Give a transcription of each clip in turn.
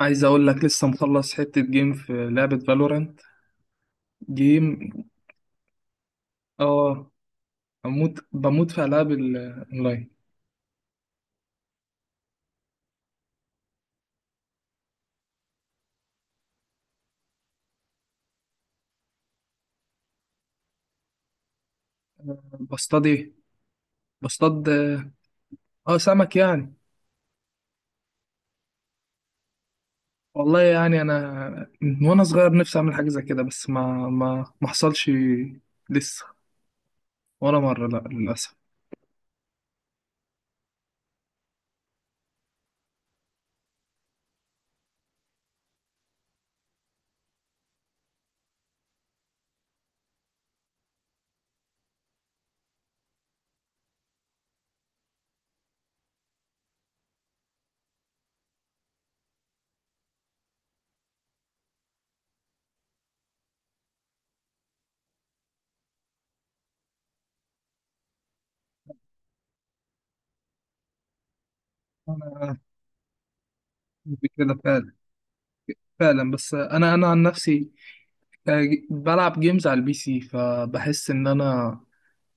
عايز اقول لك لسه مخلص حتة جيم في لعبة فالورانت، جيم. اه. بموت بموت في العاب الاونلاين. بصطاد ايه؟ بصطاد. اه، سمك يعني. والله يعني انا من وانا صغير نفسي اعمل حاجة زي كده بس ما حصلش. لسه. ولا مرة، لا للاسف. انا كده فعلا. فعلا، بس انا عن نفسي، آه، بلعب جيمز على البي سي فبحس ان انا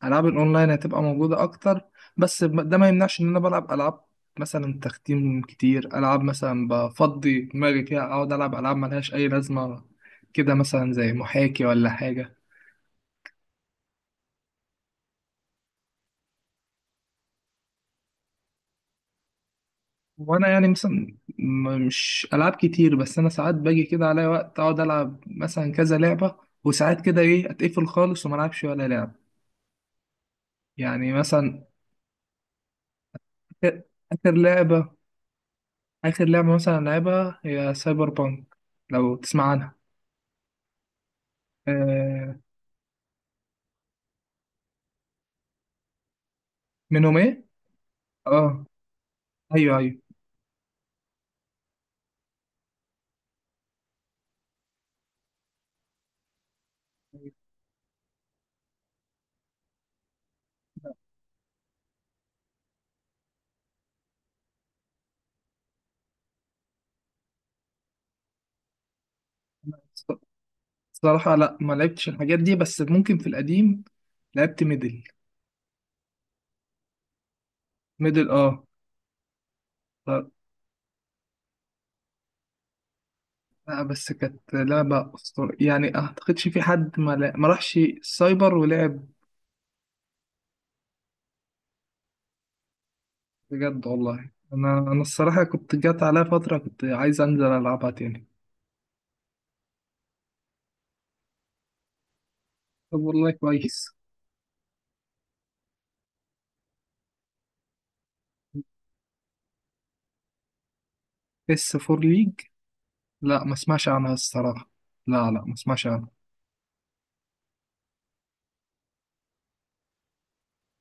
العاب الاونلاين هتبقى موجوده اكتر. بس ده ما يمنعش ان انا بلعب العاب مثلا تختيم كتير. العاب مثلا بفضي دماغي فيها، اقعد العب العاب ملهاش اي لازمه، كده مثلا زي محاكي ولا حاجه. وانا يعني مثلا مش العاب كتير، بس انا ساعات باجي كده عليا وقت اقعد العب مثلا كذا لعبه. وساعات كده ايه اتقفل خالص وما العبش ولا لعبه. يعني مثلا آخر آخر لعبه اخر لعبه مثلا لعبها هي سايبر بانك. لو تسمع عنها. آه، منهم ايه؟ اه، ايوه ايوه. أنا الصراحه لا ما لعبتش الحاجات دي، بس ممكن في القديم لعبت ميدل. ميدل، اه. ف- لا بس كانت لعبه اسطوريه، يعني اعتقدش في حد ما راحش السايبر ولعب. بجد والله انا الصراحه كنت جات عليا فتره كنت عايز انزل العبها تاني. طب والله كويس. اس فور ليج؟ لا ما اسمعش عنها الصراحه. لا لا، ما اسمعش عنها.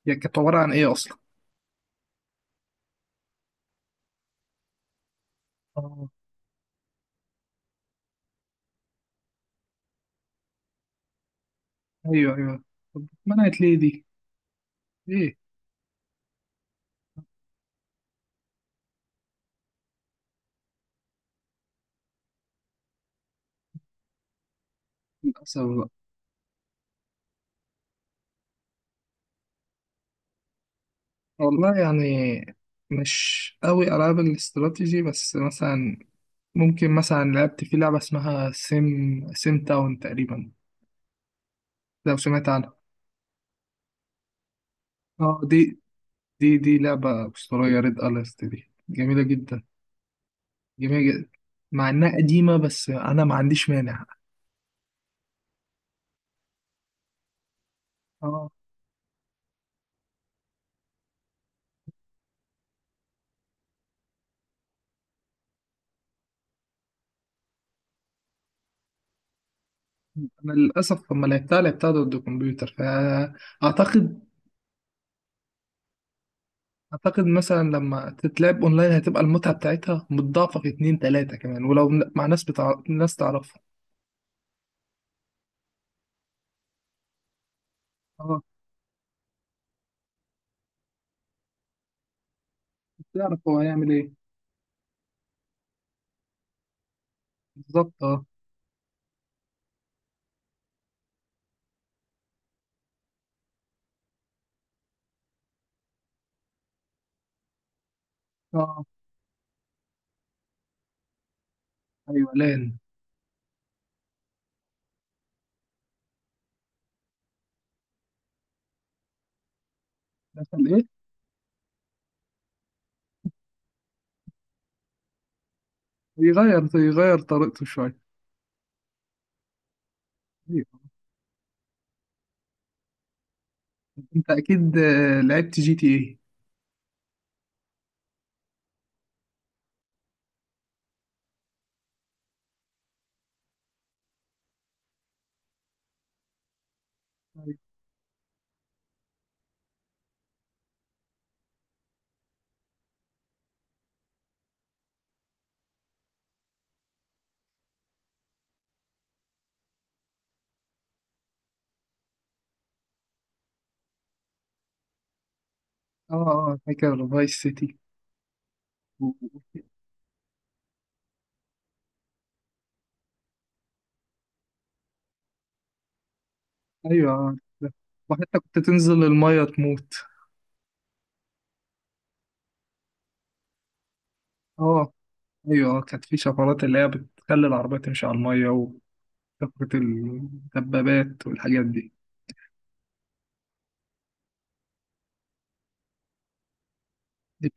هي كانت عباره عن ايه اصلا؟ اه، ايوه ايوه. طب منعت ليه دي؟ ايه؟ للاسف. والله يعني مش قوي ألعاب الاستراتيجي، بس مثلا ممكن مثلا لعبت في لعبة اسمها سيم تاون تقريبا. لو سمعت عنها. اه دي. دي لعبة أسطورية، ريد أليرت دي جميلة جدا. جميلة جدا، مع إنها قديمة بس أنا ما عنديش مانع. اه. أنا للأسف لما لعبتها ضد الكمبيوتر فأعتقد. أعتقد مثلا لما تتلعب أونلاين هتبقى المتعة بتاعتها متضاعفة في اتنين تلاتة كمان، ولو مع ناس ناس تعرفها. اه. تعرف هو هيعمل ايه. بالظبط اه. اه، ايوه لان. عشان ايه؟ يغير طريقته شويه. أيوة. انت اكيد لعبت جي تي ايه؟ أيوة. اه اه، فاكر فايس سيتي. و- و- ايوه، ده. وحتى كنت تنزل الميه تموت. اه ايوه، كانت في شفرات اللي هي بتخلي العربية تمشي على الميه وكثرة الدبابات والحاجات دي. دي-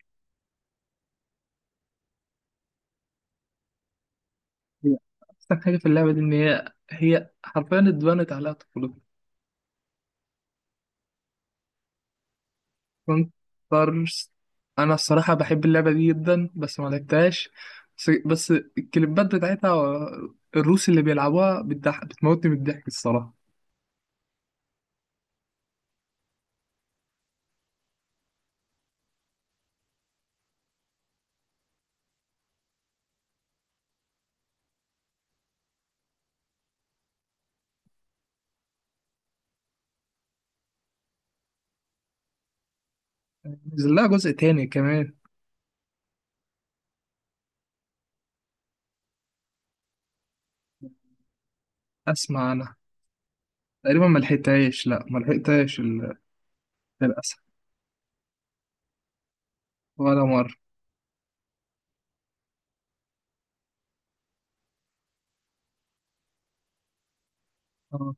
هي احسن حاجه في اللعبه دي ان هي حرفيا اتبنت عليها طفولتنا. كونترست. انا الصراحه بحب اللعبه دي جدا بس ما لعبتهاش. بس الكليبات بتاعتها، الروس اللي بيلعبوها بتضحك بتموتني من الضحك الصراحه. نزل لها جزء تاني كمان. اسمع انا. تقريبا ما لحقتهاش. لا ما لحقتهاش للاسف. ولا مره. آه.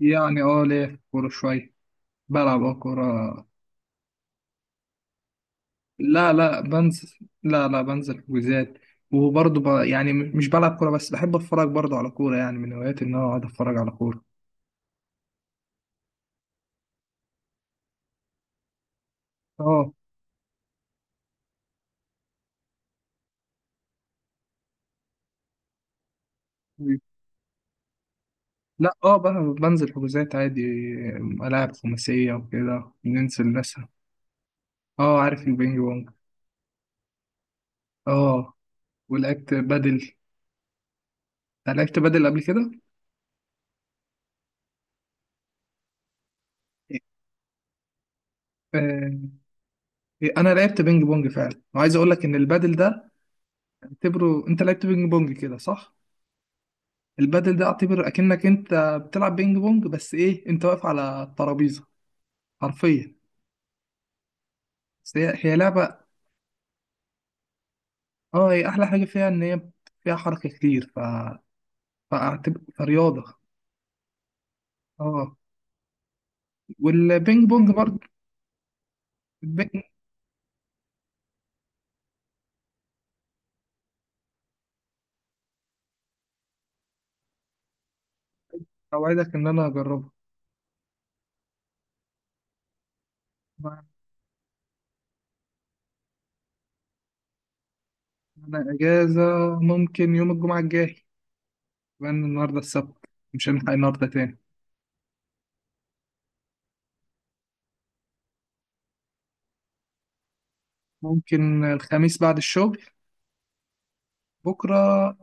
يعني اه، ليه في كوره شويه. بلعب اه كوره. لا لا، بنزل. لا لا، بنزل حجوزات. وبرضه يعني مش بلعب كوره بس بحب اتفرج برضه على كوره، يعني من هواياتي ان انا اقعد اتفرج على كوره. اه. مم. لا، اه بقى. بنزل حجوزات عادي. ألعاب خماسية وكده، ننزل ناسها. اه عارف البينج بونج. اه، ولعبت بدل. أنا لعبت بدل قبل كده. آه، إيه، انا لعبت بينج بونج فعلا، وعايز اقول لك ان البادل ده اعتبره، انت لعبت بينج بونج كده صح؟ البادل ده اعتبر اكنك انت بتلعب بينج بونج بس ايه، انت واقف على الترابيزه حرفيا. بس هي لعبه. اه هي احلى حاجه فيها ان هي فيها حركه كتير، فاعتبر فرياضه. اه، والبينج بونج برضه. البينج اوعدك ان انا هجربها. انا اجازه ممكن يوم الجمعه الجاي، لان النهارده السبت. مش هنلحق النهارده تاني. ممكن الخميس بعد الشغل. بكره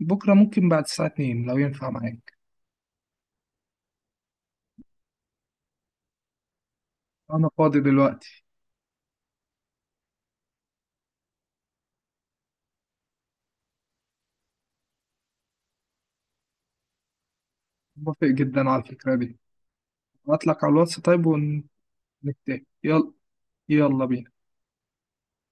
بكره ممكن بعد الساعه 2 لو ينفع معاك. انا فاضي دلوقتي. موافق جدا على الفكره دي. هبعتلك على الواتس طيب ونتفق. يلا. يلا بينا.